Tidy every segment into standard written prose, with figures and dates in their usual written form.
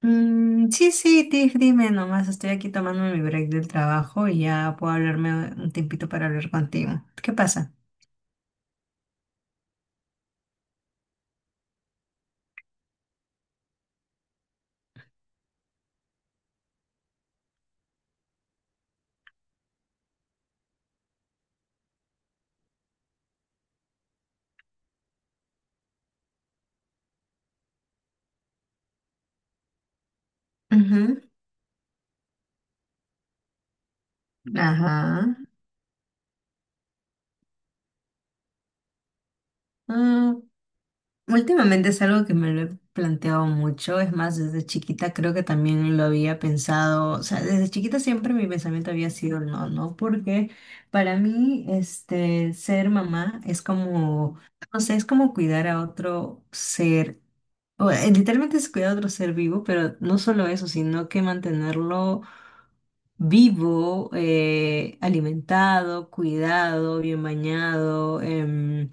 Dime nomás, estoy aquí tomando mi break del trabajo y ya puedo hablarme un tiempito para hablar contigo. ¿Qué pasa? Ujú. Ajá. Mm, Últimamente es algo que me lo he planteado mucho, es más, desde chiquita creo que también lo había pensado, o sea, desde chiquita siempre mi pensamiento había sido el no, ¿no? Porque para mí, ser mamá es como, no sé, es como cuidar a otro literalmente es cuidar a otro ser vivo, pero no solo eso, sino que mantenerlo vivo, alimentado, cuidado, bien bañado, em,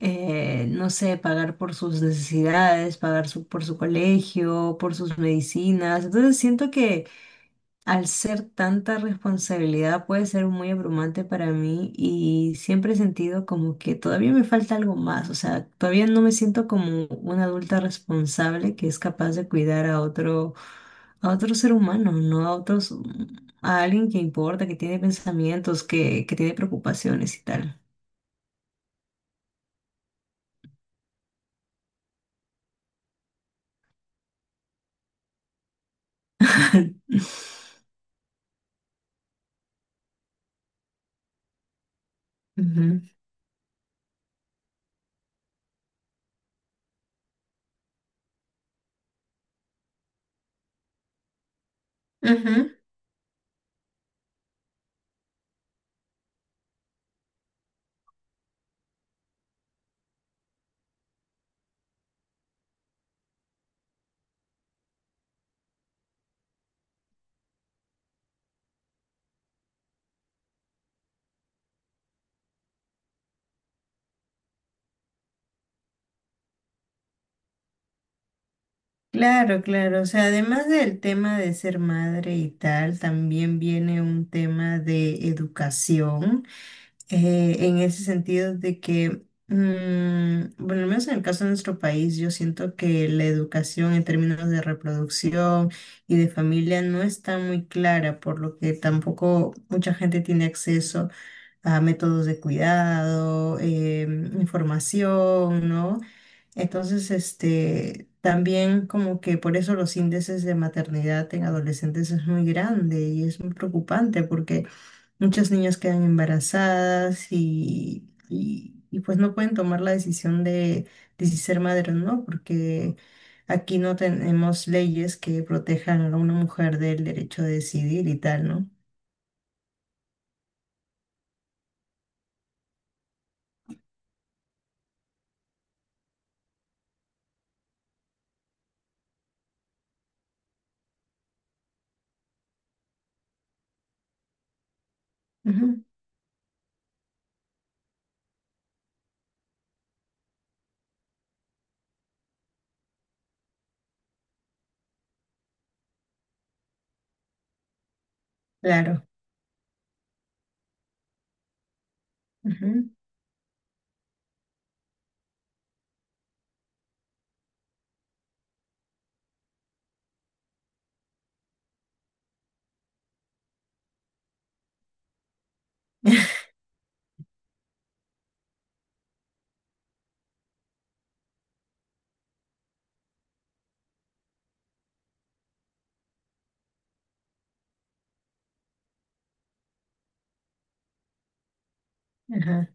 eh, no sé, pagar por sus necesidades, por su colegio, por sus medicinas. Entonces siento que al ser tanta responsabilidad puede ser muy abrumante para mí y siempre he sentido como que todavía me falta algo más, o sea, todavía no me siento como una adulta responsable que es capaz de cuidar a otro ser humano, no a otros, a alguien que importa, que tiene pensamientos, que tiene preocupaciones y tal. Ujú, ujú. Claro, claro. O sea, además del tema de ser madre y tal, también viene un tema de educación. En ese sentido de que, bueno, al menos en el caso de nuestro país, yo siento que la educación en términos de reproducción y de familia no está muy clara, por lo que tampoco mucha gente tiene acceso a métodos de cuidado, información, ¿no? Entonces, también como que por eso los índices de maternidad en adolescentes es muy grande y es muy preocupante porque muchas niñas quedan embarazadas y, pues no pueden tomar la decisión de si ser madre o no, porque aquí no tenemos leyes que protejan a una mujer del derecho de decidir y tal, ¿no? Ujú. Claro. Ujú. Ajá,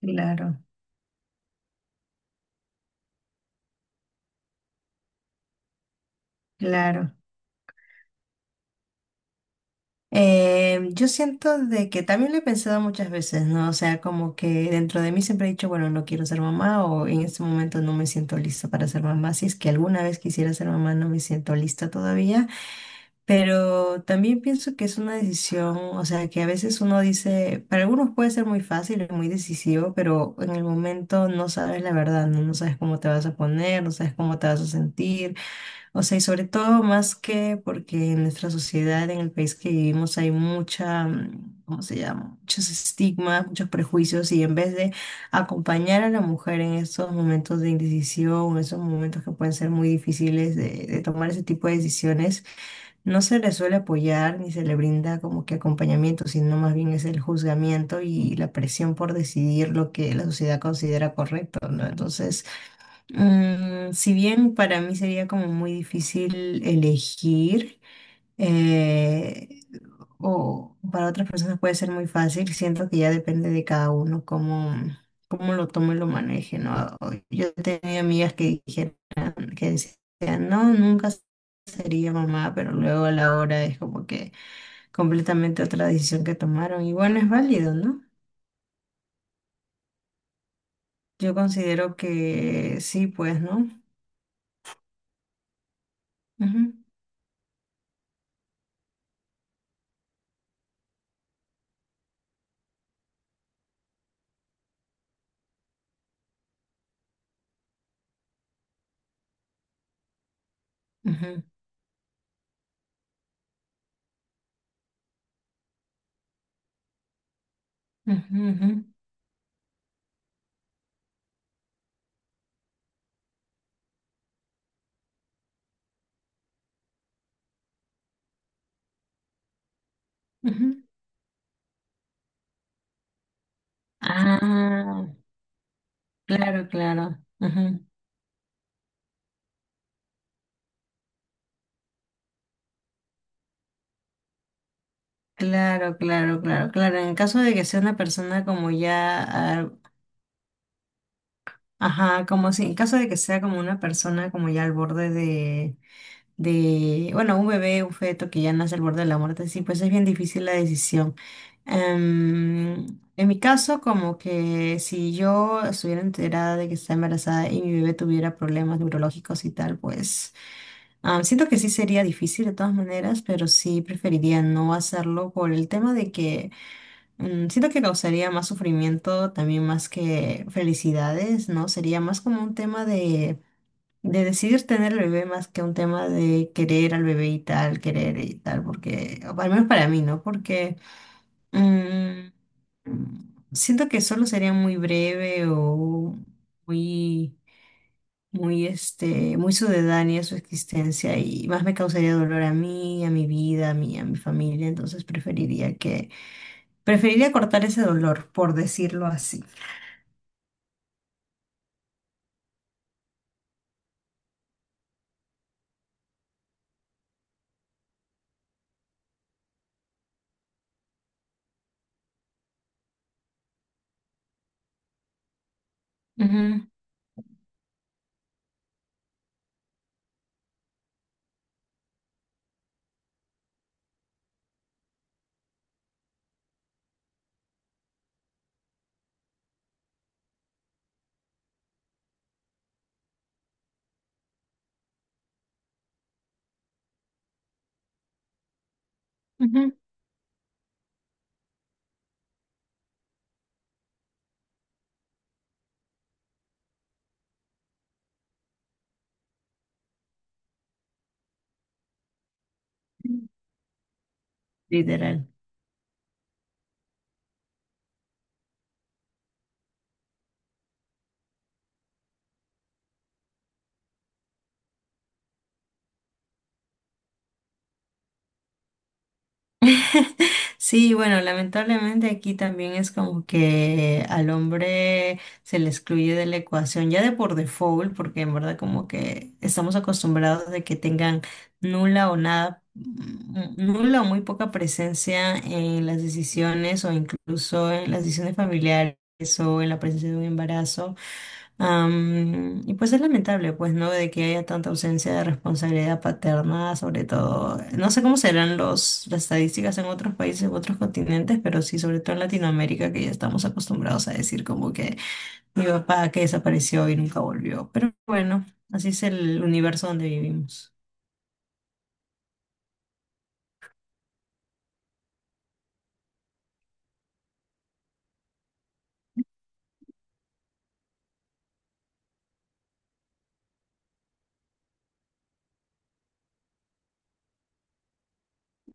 claro, claro. Yo siento de que también lo he pensado muchas veces, ¿no? O sea, como que dentro de mí siempre he dicho, bueno, no quiero ser mamá o en este momento no me siento lista para ser mamá. Si es que alguna vez quisiera ser mamá, no me siento lista todavía. Pero también pienso que es una decisión, o sea, que a veces uno dice, para algunos puede ser muy fácil y muy decisivo, pero en el momento no sabes la verdad, ¿no? No sabes cómo te vas a poner, no sabes cómo te vas a sentir. O sea, y sobre todo más que porque en nuestra sociedad, en el país que vivimos, hay mucha, ¿cómo se llama? Muchos estigmas, muchos prejuicios, y en vez de acompañar a la mujer en estos momentos de indecisión, en esos momentos que pueden ser muy difíciles de tomar ese tipo de decisiones, no se le suele apoyar ni se le brinda como que acompañamiento, sino más bien es el juzgamiento y la presión por decidir lo que la sociedad considera correcto, ¿no? Si bien para mí sería como muy difícil elegir, eh, o para otras personas puede ser muy fácil, siento que ya depende de cada uno cómo, cómo lo tome y lo maneje, ¿no? Yo tenía amigas que que decían, no, nunca sería mamá, pero luego a la hora es como que completamente otra decisión que tomaron. Y bueno, es válido, ¿no? Yo considero que sí, pues, ¿no? Ujú, ujú, ujú, ujú, ujú. Ah, claro, claro. Ujú. Claro, claro, claro, claro. En caso de que sea una persona como ya, ah, ajá, como si, en caso de que sea como una persona como ya al borde de, bueno, un bebé, un feto que ya nace al borde de la muerte, sí, pues es bien difícil la decisión. Em, en mi caso, como que si yo estuviera enterada de que está embarazada y mi bebé tuviera problemas neurológicos y tal, pues... Ah, siento que sí sería difícil de todas maneras, pero sí preferiría no hacerlo por el tema de que siento que causaría más sufrimiento también más que felicidades, ¿no? Sería más como un tema de decidir tener el bebé más que un tema de querer al bebé y tal, querer y tal, porque, o al menos para mí, ¿no? Porque mm, siento que solo sería muy breve o muy muy sucedánea su existencia y más me causaría dolor a mí, a mi vida, a mí, a mi familia, entonces preferiría que, preferiría cortar ese dolor, por decirlo así. Ujú, ujú. Literal. Sí, bueno, lamentablemente aquí también es como que al hombre se le excluye de la ecuación ya de por default, porque en verdad como que estamos acostumbrados de que tengan nula o nada, nula o muy poca presencia en las decisiones o incluso en las decisiones familiares o en la presencia de un embarazo. Y pues es lamentable, pues, ¿no? De que haya tanta ausencia de responsabilidad paterna, sobre todo, no sé cómo serán las estadísticas en otros países, en otros continentes, pero sí, sobre todo en Latinoamérica, que ya estamos acostumbrados a decir como que mi papá que desapareció y nunca volvió. Pero bueno, así es el universo donde vivimos.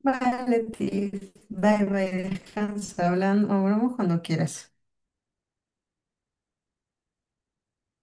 Vale, Tiff. Bye, bye. Descansa. Hablamos cuando quieras.